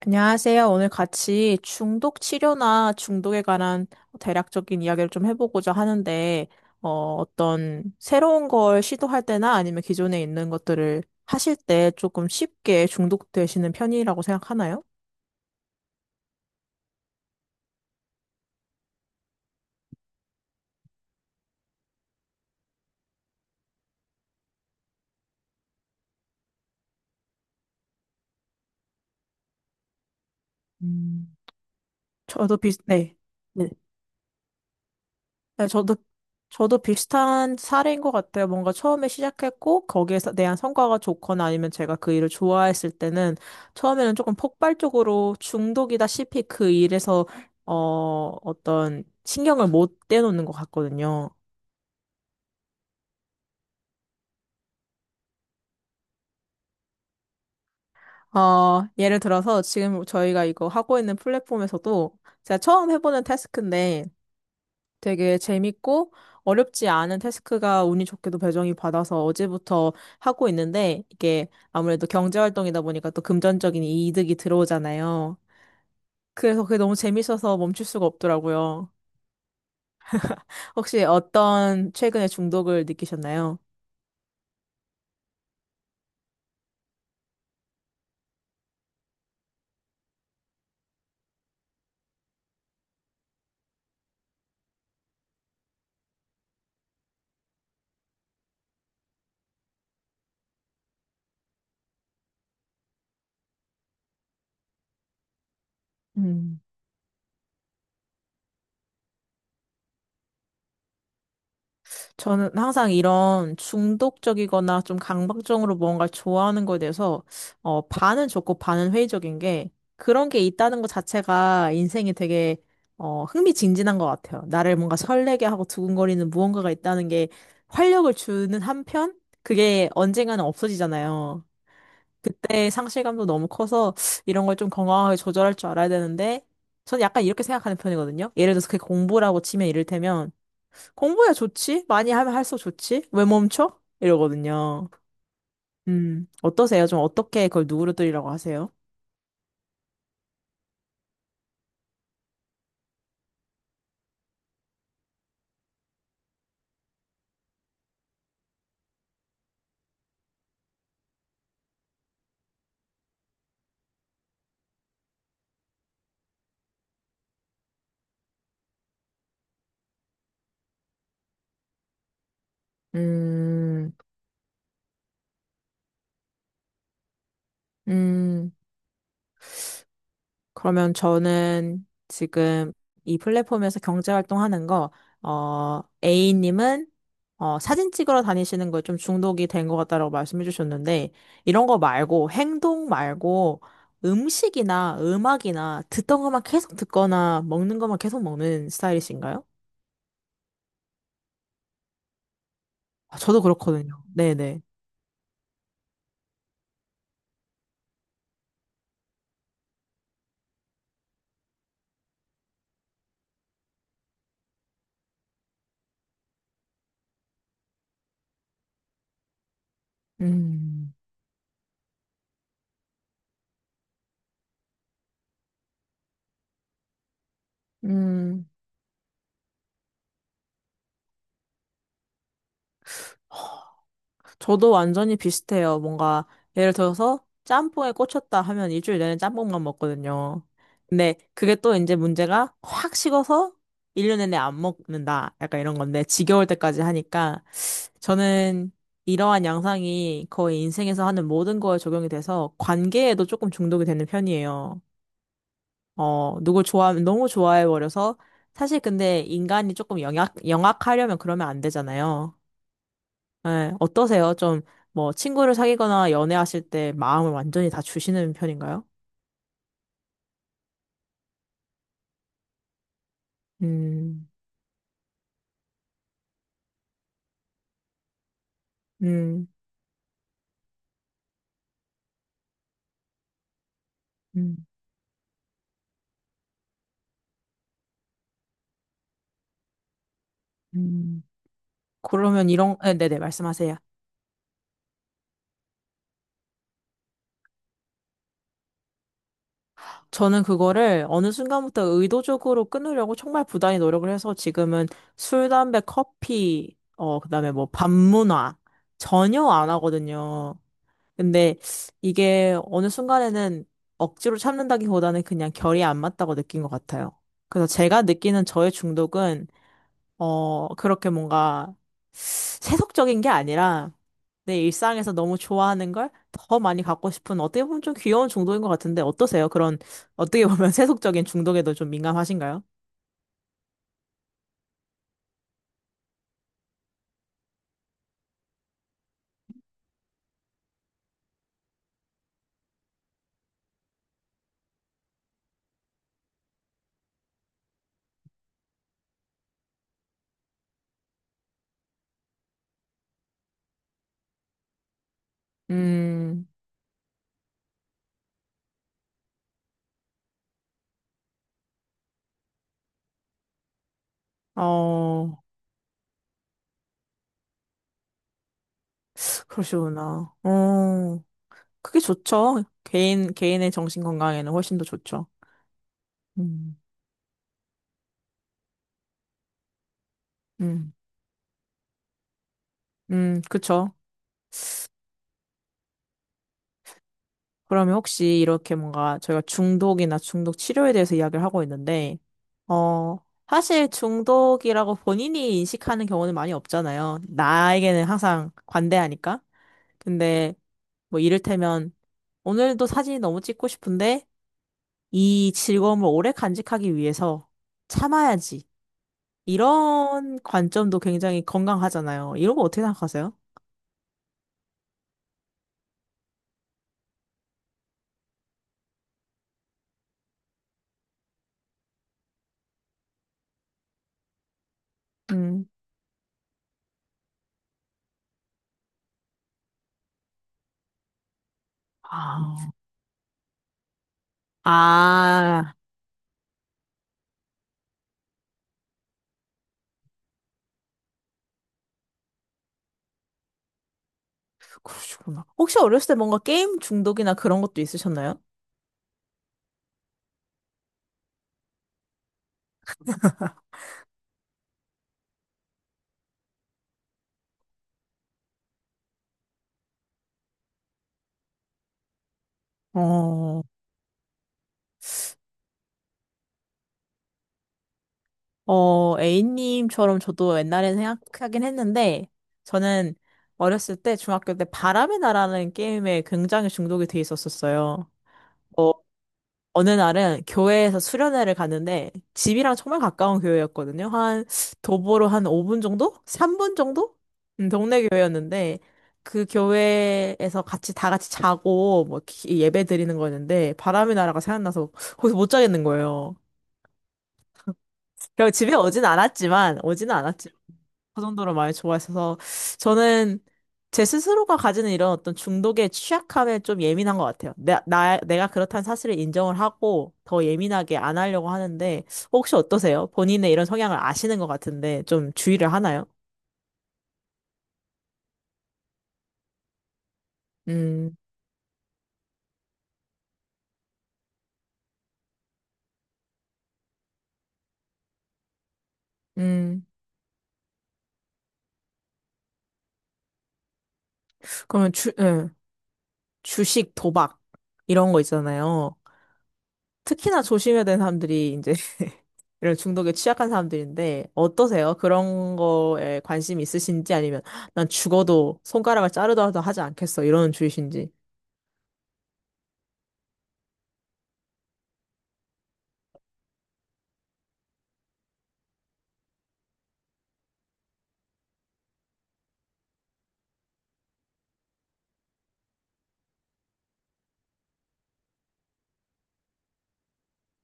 안녕하세요. 오늘 같이 중독 치료나 중독에 관한 대략적인 이야기를 좀 해보고자 하는데, 어, 어떤 새로운 걸 시도할 때나 아니면 기존에 있는 것들을 하실 때 조금 쉽게 중독되시는 편이라고 생각하나요? 음, 저도 비슷, 네. 네. 네, 저도 비슷한 사례인 것 같아요. 뭔가 처음에 시작했고, 거기에 서 대한 성과가 좋거나 아니면 제가 그 일을 좋아했을 때는 처음에는 조금 폭발적으로 중독이다시피 그 일에서, 어, 어떤 신경을 못 떼놓는 것 같거든요. 예를 들어서 지금 저희가 이거 하고 있는 플랫폼에서도 제가 처음 해보는 태스크인데, 되게 재밌고 어렵지 않은 태스크가 운이 좋게도 배정이 받아서 어제부터 하고 있는데 이게 아무래도 경제활동이다 보니까 또 금전적인 이득이 들어오잖아요. 그래서 그게 너무 재밌어서 멈출 수가 없더라고요. 혹시 어떤 최근에 중독을 느끼셨나요? 음. 저는 항상 이런 중독적이거나 좀 강박적으로 뭔가를 좋아하는 거에 대해서 반은 좋고 반은 회의적인 게 그런 게 있다는 것 자체가 인생이 되게 흥미진진한 것 같아요. 나를 뭔가 설레게 하고 두근거리는 무언가가 있다는 게 활력을 주는 한편 그게 언젠가는 없어지잖아요. 그때 상실감도 너무 커서 이런 걸 좀 건강하게 조절할 줄 알아야 되는데 저는 약간 이렇게 생각하는 편이거든요. 예를 들어서 그게 공부라고 치면 이를테면 공부야 좋지? 많이 하면 할수록 좋지? 왜 멈춰? 이러거든요. 어떠세요? 좀 어떻게 그걸 누그러뜨리라고 하세요? 음, 음, 그러면 저는 지금 이 플랫폼에서 경제활동 하는 거, A님은 사진 찍으러 다니시는 거에 좀 중독이 된 것 같다라고 말씀해 주셨는데, 이런 거 말고, 행동 말고, 음식이나 음악이나 듣던 것만 계속 듣거나 먹는 것만 계속 먹는 스타일이신가요? 아, 저도 그렇거든요. 네네. 음, 음, 저도 완전히 비슷해요. 뭔가, 예를 들어서 짬뽕에 꽂혔다 하면 일주일 내내 짬뽕만 먹거든요. 근데 그게 또 이제 문제가 확 식어서 1년 내내 안 먹는다. 약간 이런 건데, 지겨울 때까지 하니까, 저는 이러한 양상이 거의 인생에서 하는 모든 거에 적용이 돼서 관계에도 조금 중독이 되는 편이에요. 누굴 좋아하면 너무 좋아해버려서, 사실 근데 인간이 조금 영악하려면 그러면 안 되잖아요. 예, 어떠세요? 좀, 뭐, 친구를 사귀거나 연애하실 때 마음을 완전히 다 주시는 편인가요? 음, 음, 음, 음. 그러면 이런, 네, 네네, 말씀하세요. 저는 그거를 어느 순간부터 의도적으로 끊으려고 정말 부단히 노력을 해서 지금은 술, 담배, 커피, 그다음에 뭐, 밤문화, 전혀 안 하거든요. 근데 이게 어느 순간에는 억지로 참는다기보다는 그냥 결이 안 맞다고 느낀 것 같아요. 그래서 제가 느끼는 저의 중독은, 그렇게 뭔가 세속적인 게 아니라 내 일상에서 너무 좋아하는 걸 더 많이 갖고 싶은 어떻게 보면 좀 귀여운 중독인 것 같은데 어떠세요? 그런 어떻게 보면 세속적인 중독에도 좀 민감하신가요? 음, 어, 그러시구나. 그게 좋죠. 개인, 개인의 정신 건강에는 훨씬 더 좋죠. 음. 음. 그쵸. 그러면 혹시 이렇게 뭔가 저희가 중독이나 중독 치료에 대해서 이야기를 하고 있는데, 어, 사실 중독이라고 본인이 인식하는 경우는 많이 없잖아요. 나에게는 항상 관대하니까. 근데 뭐 이를테면 오늘도 사진이 너무 찍고 싶은데 이 즐거움을 오래 간직하기 위해서 참아야지. 이런 관점도 굉장히 건강하잖아요. 이런 거 어떻게 생각하세요? 음. 아, 아, 그러시구나. 혹시 어렸을 때 뭔가 게임 중독이나 그런 것도 있으셨나요? 어, A님처럼 저도 옛날에 생각하긴 했는데, 저는 어렸을 때, 중학교 때 바람의 나라는 게임에 굉장히 중독이 돼 있었었어요. 어느 날은 교회에서 수련회를 가는데 집이랑 정말 가까운 교회였거든요. 한 도보로 한 5분 정도? 3분 정도? 동네 교회였는데 그 교회에서 같이 다 같이 자고 뭐 기- 예배 드리는 거였는데 바람이 날아가 생각나서 거기서 못 자겠는 거예요. 그래서 집에 오진 않았지만 오지는 않았지만 그 정도로 많이 좋아했어서 저는 제 스스로가 가지는 이런 어떤 중독의 취약함에 좀 예민한 것 같아요. 내가 그렇다는 사실을 인정을 하고 더 예민하게 안 하려고 하는데 혹시 어떠세요? 본인의 이런 성향을 아시는 것 같은데 좀 주의를 하나요? 음, 음, 그러면 주식, 도박 이런 거 있잖아요. 특히나 조심해야 되는 사람들이 이제 이런 중독에 취약한 사람들인데 어떠세요? 그런 거에 관심 있으신지 아니면 난 죽어도 손가락을 자르더라도 하지 않겠어 이런 주의신지.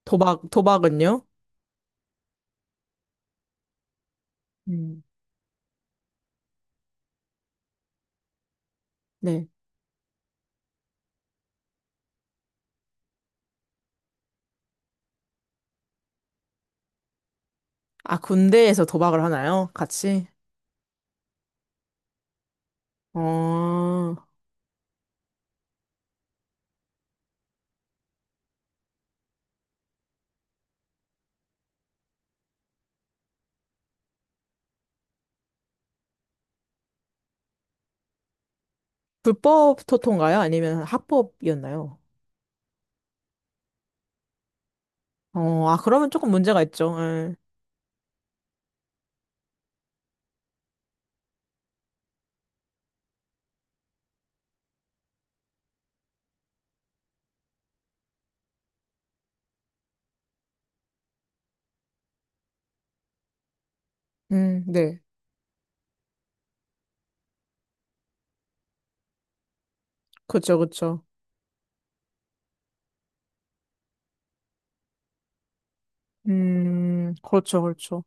도박은요? 음. 네. 아, 군대에서 도박을 하나요? 같이? 어, 불법 토토인가요? 아니면 합법이었나요? 아, 그러면 조금 문제가 있죠. 예. 네. 그쵸, 그쵸. 그렇죠, 그렇죠.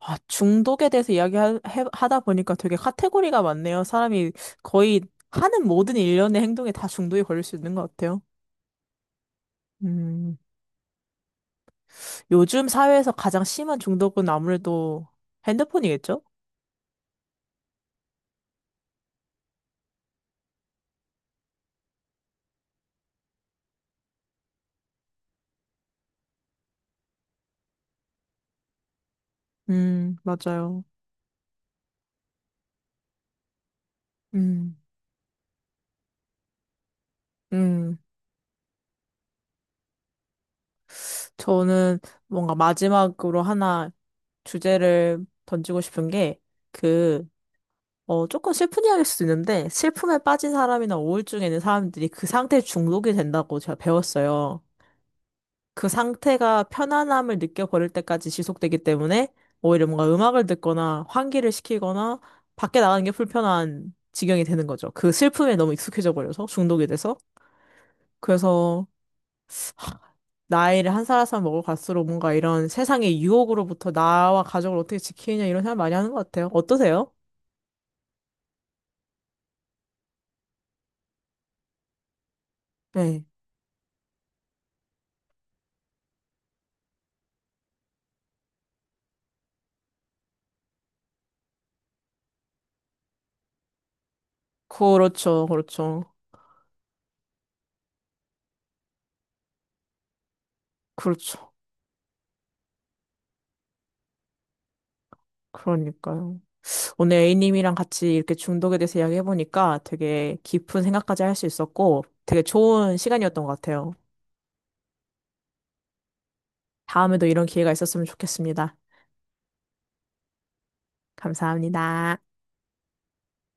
아, 중독에 대해서 이야기하다 보니까 되게 카테고리가 많네요. 사람이 거의 하는 모든 일련의 행동에 다 중독이 걸릴 수 있는 것 같아요. 음, 요즘 사회에서 가장 심한 중독은 아무래도 핸드폰이겠죠? 맞아요. 음, 음. 저는 뭔가 마지막으로 하나 주제를 던지고 싶은 게그 조금 슬픈 이야기일 수도 있는데, 슬픔에 빠진 사람이나 우울증에 있는 사람들이 그 상태에 중독이 된다고 제가 배웠어요. 그 상태가 편안함을 느껴버릴 때까지 지속되기 때문에, 오히려 뭔가 음악을 듣거나 환기를 시키거나, 밖에 나가는 게 불편한 지경이 되는 거죠. 그 슬픔에 너무 익숙해져 버려서, 중독이 돼서. 그래서, 나이를 한 살 한 살 먹을 갈수록 뭔가 이런 세상의 유혹으로부터 나와 가족을 어떻게 지키느냐 이런 생각 많이 하는 것 같아요. 어떠세요? 네. 그렇죠, 그렇죠. 그렇죠. 그러니까요. 오늘 A님이랑 같이 이렇게 중독에 대해서 이야기해보니까 되게 깊은 생각까지 할 수 있었고 되게 좋은 시간이었던 것 같아요. 다음에도 이런 기회가 있었으면 좋겠습니다. 감사합니다.